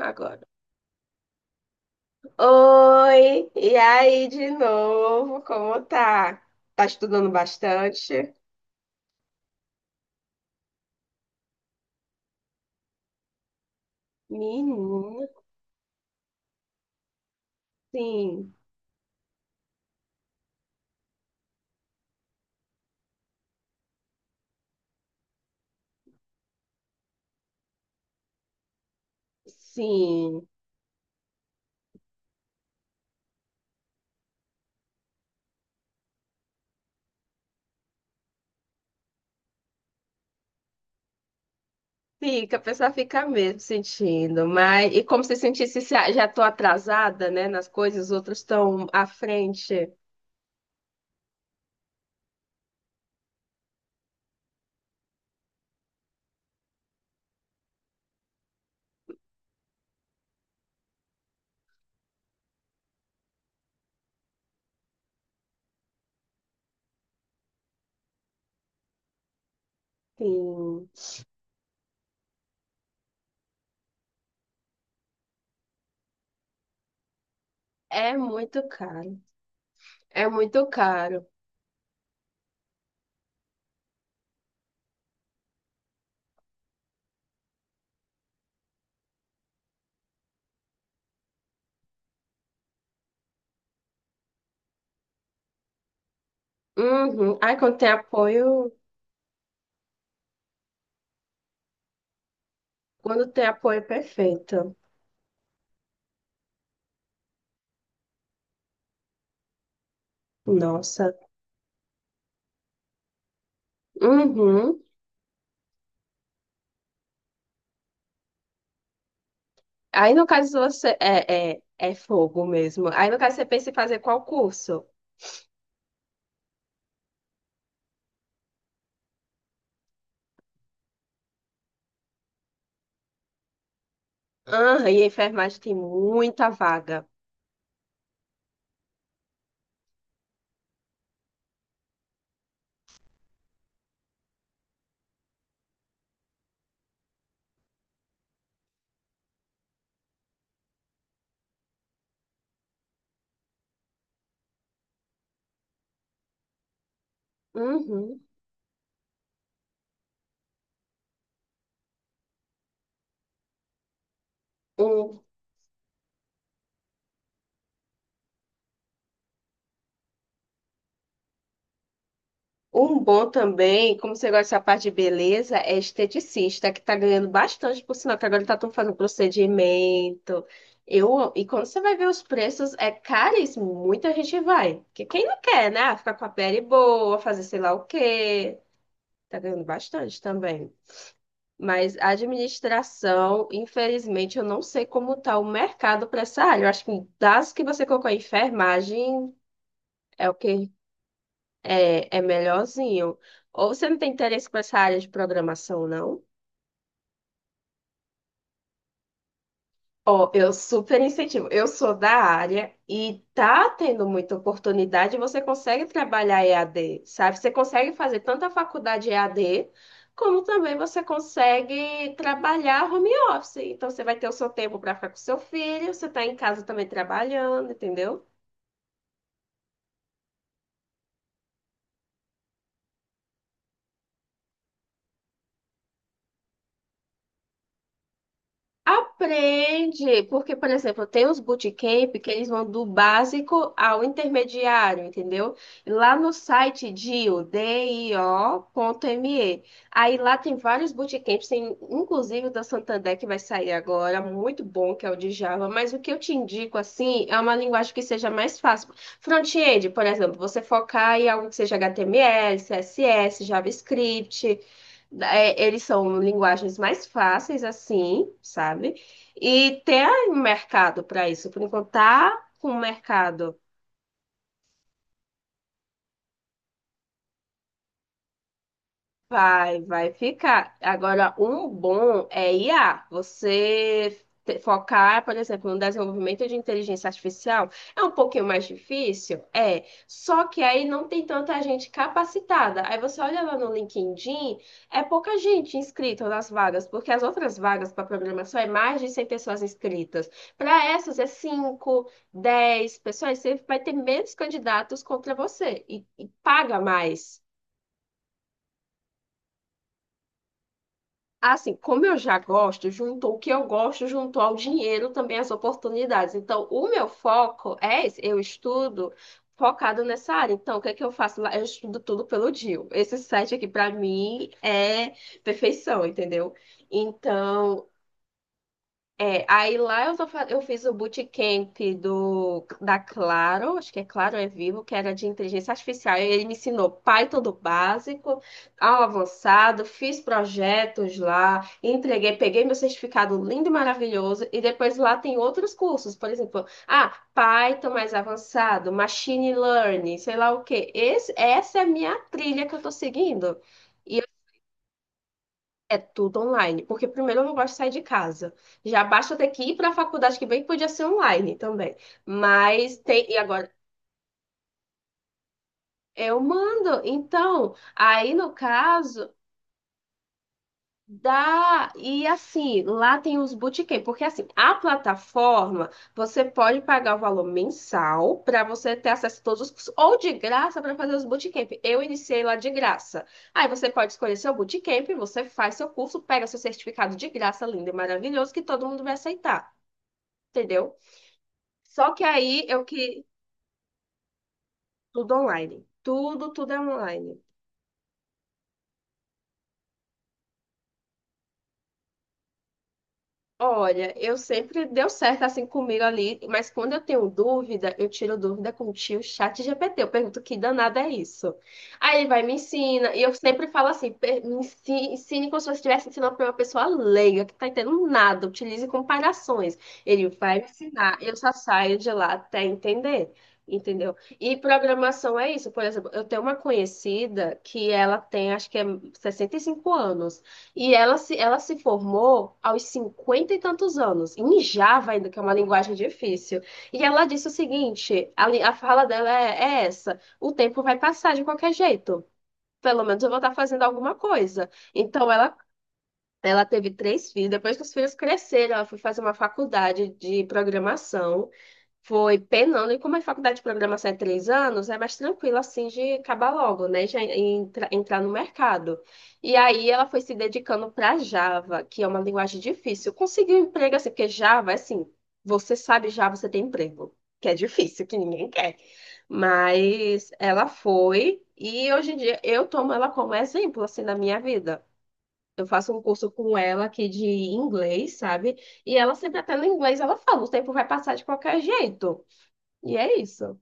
Agora. Oi, e aí de novo, como tá? Tá estudando bastante? Menina, sim, sim. Fica, a pessoa fica mesmo sentindo, mas e como se sentisse se ah, já tô atrasada, né, nas coisas, os outros estão à frente. Sim. É muito caro. É muito caro. Uhum. Ai, quando tem apoio, é perfeito. Nossa. Uhum. Aí, no caso, você. É fogo mesmo. Aí, no caso, você pensa em fazer qual curso? Ah, e enfermagem tem muita vaga. Uhum. Um, um bom também, como você gosta dessa parte de beleza, é esteticista, que tá ganhando bastante, por sinal, que agora tá tudo fazendo procedimento. E quando você vai ver os preços, é caríssimo. Muita gente vai. Porque quem não quer, né? Ah, ficar com a pele boa, fazer sei lá o quê. Tá ganhando bastante também. Mas a administração, infelizmente, eu não sei como está o mercado para essa área. Eu acho que das que você colocou, enfermagem é o que é melhorzinho. Ou você não tem interesse para essa área de programação, não? Ó, eu super incentivo. Eu sou da área e tá tendo muita oportunidade. Você consegue trabalhar EAD, sabe? Você consegue fazer tanto a faculdade EAD, como também você consegue trabalhar home office. Então, você vai ter o seu tempo para ficar com seu filho, você tá em casa também trabalhando, entendeu? Aprende, porque, por exemplo, tem os bootcamp que eles vão do básico ao intermediário, entendeu? Lá no site DIO, DIO.me. Aí lá tem vários bootcamps, tem inclusive o da Santander que vai sair agora, muito bom, que é o de Java, mas o que eu te indico, assim, é uma linguagem que seja mais fácil. Front-end, por exemplo, você focar em algo que seja HTML, CSS, JavaScript, é, eles são linguagens mais fáceis, assim, sabe? E tem mercado para isso. Por enquanto, tá com mercado. Vai, vai ficar. Agora, um bom é IA. Você focar, por exemplo, no desenvolvimento de inteligência artificial é um pouquinho mais difícil? É. Só que aí não tem tanta gente capacitada. Aí você olha lá no LinkedIn, é pouca gente inscrita nas vagas, porque as outras vagas para programação é mais de 100 pessoas inscritas. Para essas é 5 10 pessoas. Você vai ter menos candidatos contra você e paga mais. Assim, como eu já gosto, juntou o que eu gosto, juntou ao dinheiro também as oportunidades. Então, o meu foco é esse, eu estudo focado nessa área. Então, o que é que eu faço lá? Eu estudo tudo pelo DIU. Esse site aqui, para mim, é perfeição, entendeu? Então, é, aí lá eu, só eu fiz o bootcamp do, da Claro, acho que é Claro é Vivo, que era de inteligência artificial, e ele me ensinou Python do básico ao avançado, fiz projetos lá, entreguei, peguei meu certificado lindo e maravilhoso, e depois lá tem outros cursos, por exemplo, ah, Python mais avançado, Machine Learning, sei lá o quê. Esse, essa é a minha trilha que eu tô seguindo. E é tudo online, porque primeiro eu não gosto de sair de casa. Já basta eu ter que ir para a faculdade, que bem que podia ser online também. Mas tem, e agora eu mando. Então, aí no caso, dá, e assim, lá tem os bootcamp, porque assim, a plataforma, você pode pagar o valor mensal para você ter acesso a todos os cursos, ou de graça para fazer os bootcamp. Eu iniciei lá de graça. Aí você pode escolher seu bootcamp, você faz seu curso, pega seu certificado de graça, lindo e maravilhoso, que todo mundo vai aceitar, entendeu? Só que aí eu que tudo online. Tudo, tudo é online. Olha, eu sempre deu certo assim comigo ali, mas quando eu tenho dúvida, eu tiro dúvida com o tio chat GPT. Eu pergunto que danada é isso. Aí ele vai e me ensina, e eu sempre falo assim, "Ensine, como se você estivesse ensinando para uma pessoa leiga, que tá entendendo nada, utilize comparações. Ele vai me ensinar, eu só saio de lá até entender. Entendeu? E programação é isso. Por exemplo, eu tenho uma conhecida que ela tem, acho que é 65 anos. E ela se formou aos cinquenta e tantos anos, em Java ainda, que é uma linguagem difícil. E ela disse o seguinte: a fala dela é essa: o tempo vai passar de qualquer jeito. Pelo menos eu vou estar fazendo alguma coisa. Então ela teve três filhos. Depois que os filhos cresceram, ela foi fazer uma faculdade de programação. Foi penando, e como a faculdade de programação é 3 anos, é mais tranquilo assim de acabar logo, né? Já entrar no mercado. E aí ela foi se dedicando para Java, que é uma linguagem difícil. Conseguiu um emprego assim, porque Java, é assim, você sabe Java, você tem emprego, que é difícil, que ninguém quer. Mas ela foi, e hoje em dia eu tomo ela como exemplo, assim, na minha vida. Eu faço um curso com ela aqui de inglês, sabe? E ela sempre até no inglês, ela fala, o tempo vai passar de qualquer jeito. E é isso.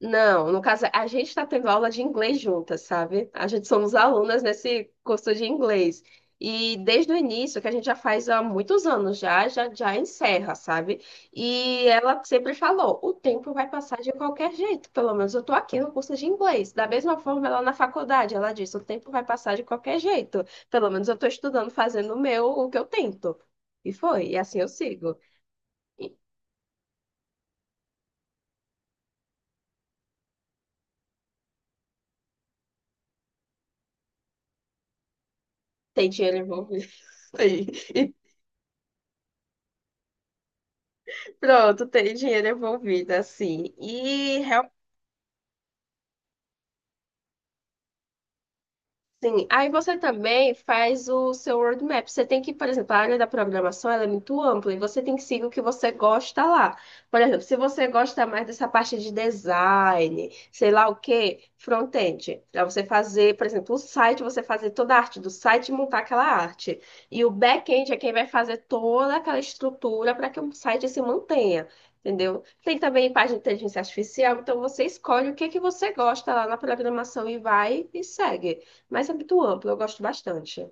Não, no caso, a gente está tendo aula de inglês juntas, sabe? A gente somos alunas nesse curso de inglês. E desde o início, que a gente já faz há muitos anos já encerra, sabe? E ela sempre falou, o tempo vai passar de qualquer jeito, pelo menos eu tô aqui no curso de inglês. Da mesma forma, ela na faculdade, ela disse, o tempo vai passar de qualquer jeito, pelo menos eu tô estudando, fazendo o meu, o que eu tento. E foi, e assim eu sigo. E tem dinheiro envolvido. E pronto, tem dinheiro envolvido, assim. E sim, aí você também faz o seu roadmap. Você tem que, por exemplo, a área da programação ela é muito ampla e você tem que seguir o que você gosta lá. Por exemplo, se você gosta mais dessa parte de design, sei lá o quê, front-end, para você fazer, por exemplo, o site, você fazer toda a arte do site e montar aquela arte. E o back-end é quem vai fazer toda aquela estrutura para que o site se mantenha. Entendeu? Tem também parte de inteligência artificial, então você escolhe o que que você gosta lá na programação e vai e segue. Mas é muito amplo, eu gosto bastante.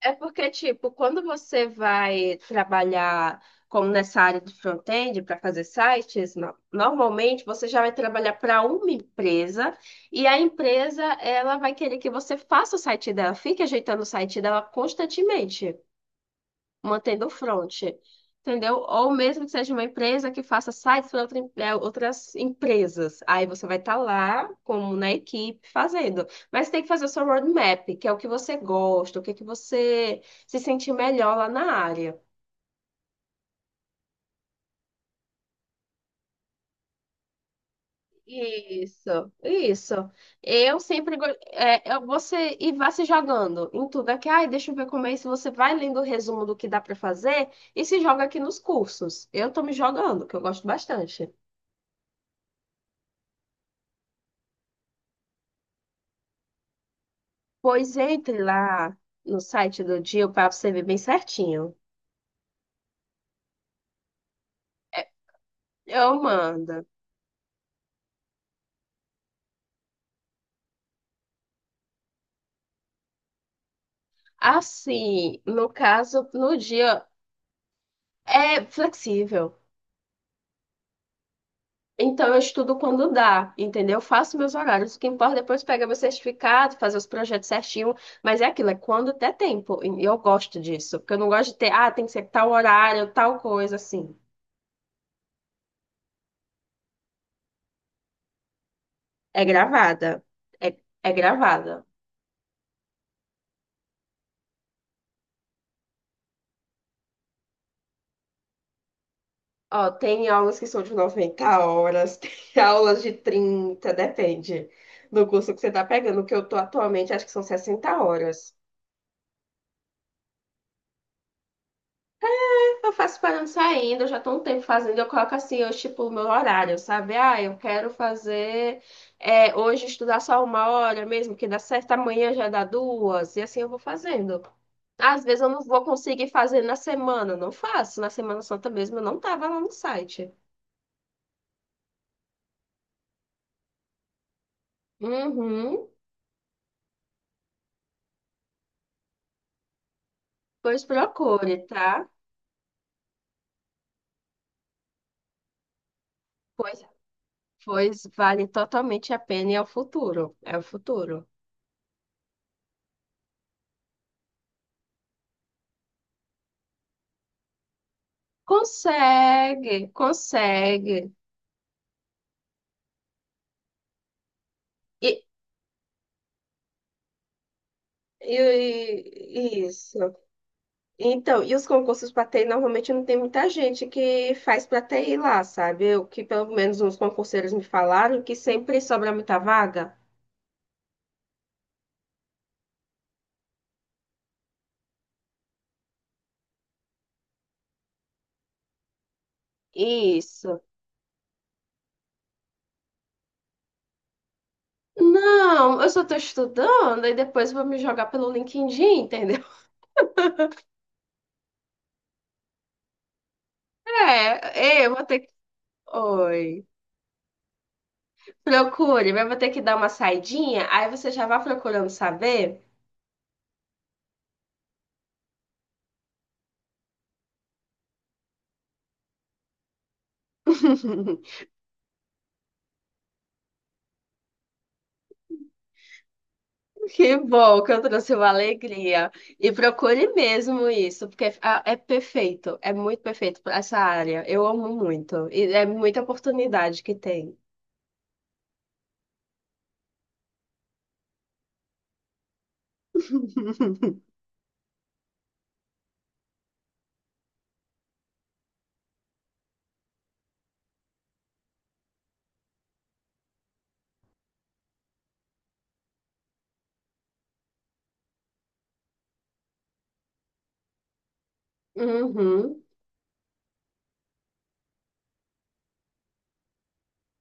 É porque, tipo, quando você vai trabalhar como nessa área de front-end para fazer sites, normalmente você já vai trabalhar para uma empresa e a empresa ela vai querer que você faça o site dela, fique ajeitando o site dela constantemente, mantendo o front, entendeu? Ou mesmo que seja uma empresa que faça sites para outra outras empresas. Aí você vai estar lá, como na equipe, fazendo. Mas tem que fazer o seu roadmap, que é o que você gosta, o que é que você se sente melhor lá na área. Isso, isso. Eu sempre go- É, você e vá se jogando em tudo aqui. Ai, deixa eu ver como é isso. Você vai lendo o resumo do que dá para fazer e se joga aqui nos cursos. Eu tô me jogando, que eu gosto bastante. Pois entre lá no site do Dio para você ver bem certinho. É, eu mando. Assim, no caso, no dia é flexível. Então eu estudo quando dá, entendeu? Eu faço meus horários. O que importa é depois pegar meu certificado, fazer os projetos certinho. Mas é aquilo, é quando der tempo. E eu gosto disso. Porque eu não gosto de ter, ah, tem que ser tal horário, tal coisa, assim. É gravada. É, é gravada. Ó, tem aulas que são de 90 horas, tem aulas de 30, depende do curso que você tá pegando. O que eu tô atualmente, acho que são 60 horas. Eu faço parando saindo, eu já tô um tempo fazendo, eu coloco assim, eu estipulo meu horário, sabe? Ah, eu quero fazer é, hoje estudar só 1 hora mesmo, que dá certo, amanhã já dá duas, e assim eu vou fazendo. Às vezes eu não vou conseguir fazer na semana, eu não faço. Na Semana Santa mesmo eu não tava lá no site. Uhum, pois procure, tá? Pois Pois vale totalmente a pena e é o futuro. É o futuro. Consegue, consegue. E, e isso. Então, e os concursos para TI normalmente não tem muita gente que faz para TI lá, sabe? O que pelo menos uns concurseiros me falaram que sempre sobra muita vaga. Isso. Não, eu só estou estudando e depois vou me jogar pelo LinkedIn, entendeu? É, eu vou ter que. Oi. Procure, mas eu vou ter que dar uma saidinha, aí você já vai procurando saber. Que bom que eu trouxe uma alegria. E procure mesmo isso, porque ah, é perfeito, é muito perfeito para essa área. Eu amo muito, e é muita oportunidade que tem. Uhum.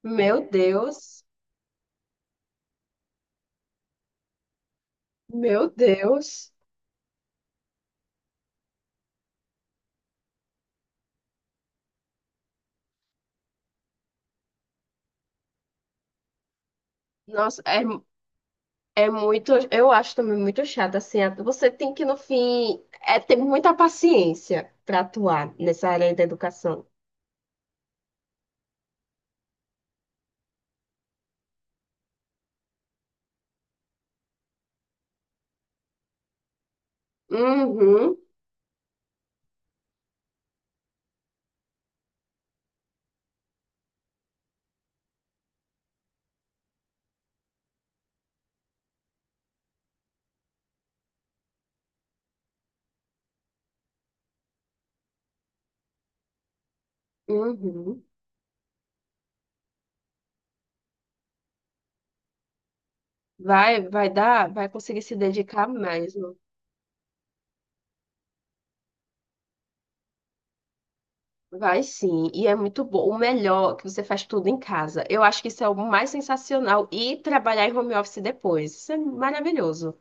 Meu Deus, meu Deus. Nossa, é, é muito, eu acho também muito chato, assim, a- você tem que, no fim, é ter muita paciência para atuar nessa área da educação. Uhum, uhum. Vai, vai dar, vai conseguir se dedicar mesmo. Vai sim, e é muito bom. O melhor é que você faz tudo em casa. Eu acho que isso é o mais sensacional. E trabalhar em home office depois. Isso é maravilhoso.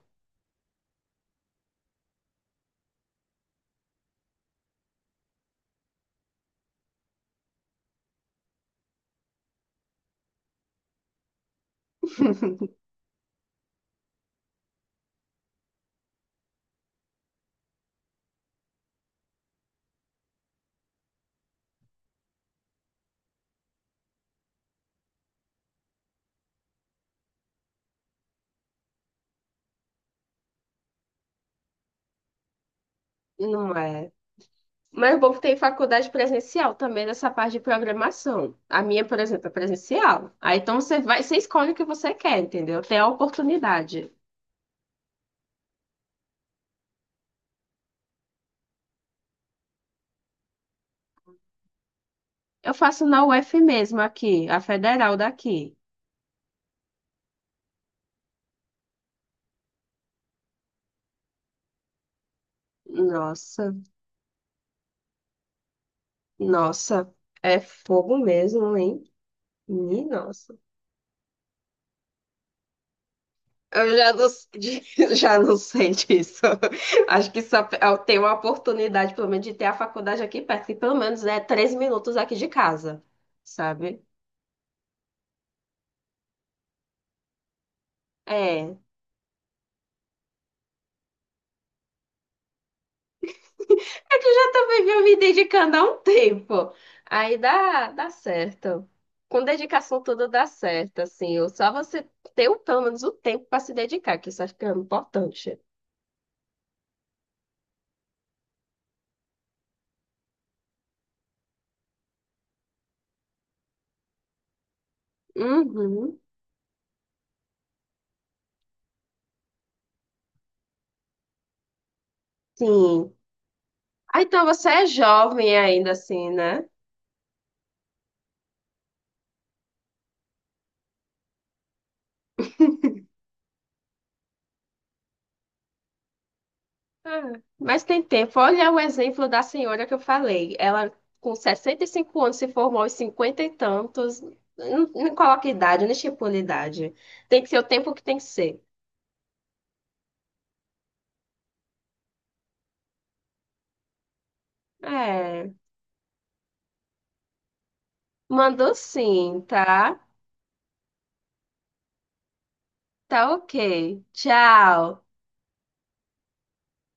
Não é? Mas o bom que tem faculdade presencial também nessa parte de programação. A minha, por exemplo, é presencial. Aí então você vai, você escolhe o que você quer, entendeu? Tem a oportunidade. Eu faço na UF mesmo aqui, a federal daqui. Nossa. Nossa, é fogo mesmo, hein? Ih, nossa. Eu já não, já não sei disso. Acho que só eu tenho uma oportunidade, pelo menos, de ter a faculdade aqui perto, que pelo menos é 3 minutos aqui de casa, sabe? É. É que eu já também venho me dedicando há um tempo. Aí dá certo. Com dedicação tudo dá certo, assim. Ou só você ter o- pelo menos o tempo para se dedicar, que isso acho que é importante. Uhum. Sim. Ah, então você é jovem ainda, assim, né? Ah, mas tem tempo. Olha o exemplo da senhora que eu falei. Ela, com 65 anos, se formou aos 50 e tantos. Não, não coloca idade, não estipula idade. Tem que ser o tempo que tem que ser. É. Mandou sim, tá? Tá ok. Tchau.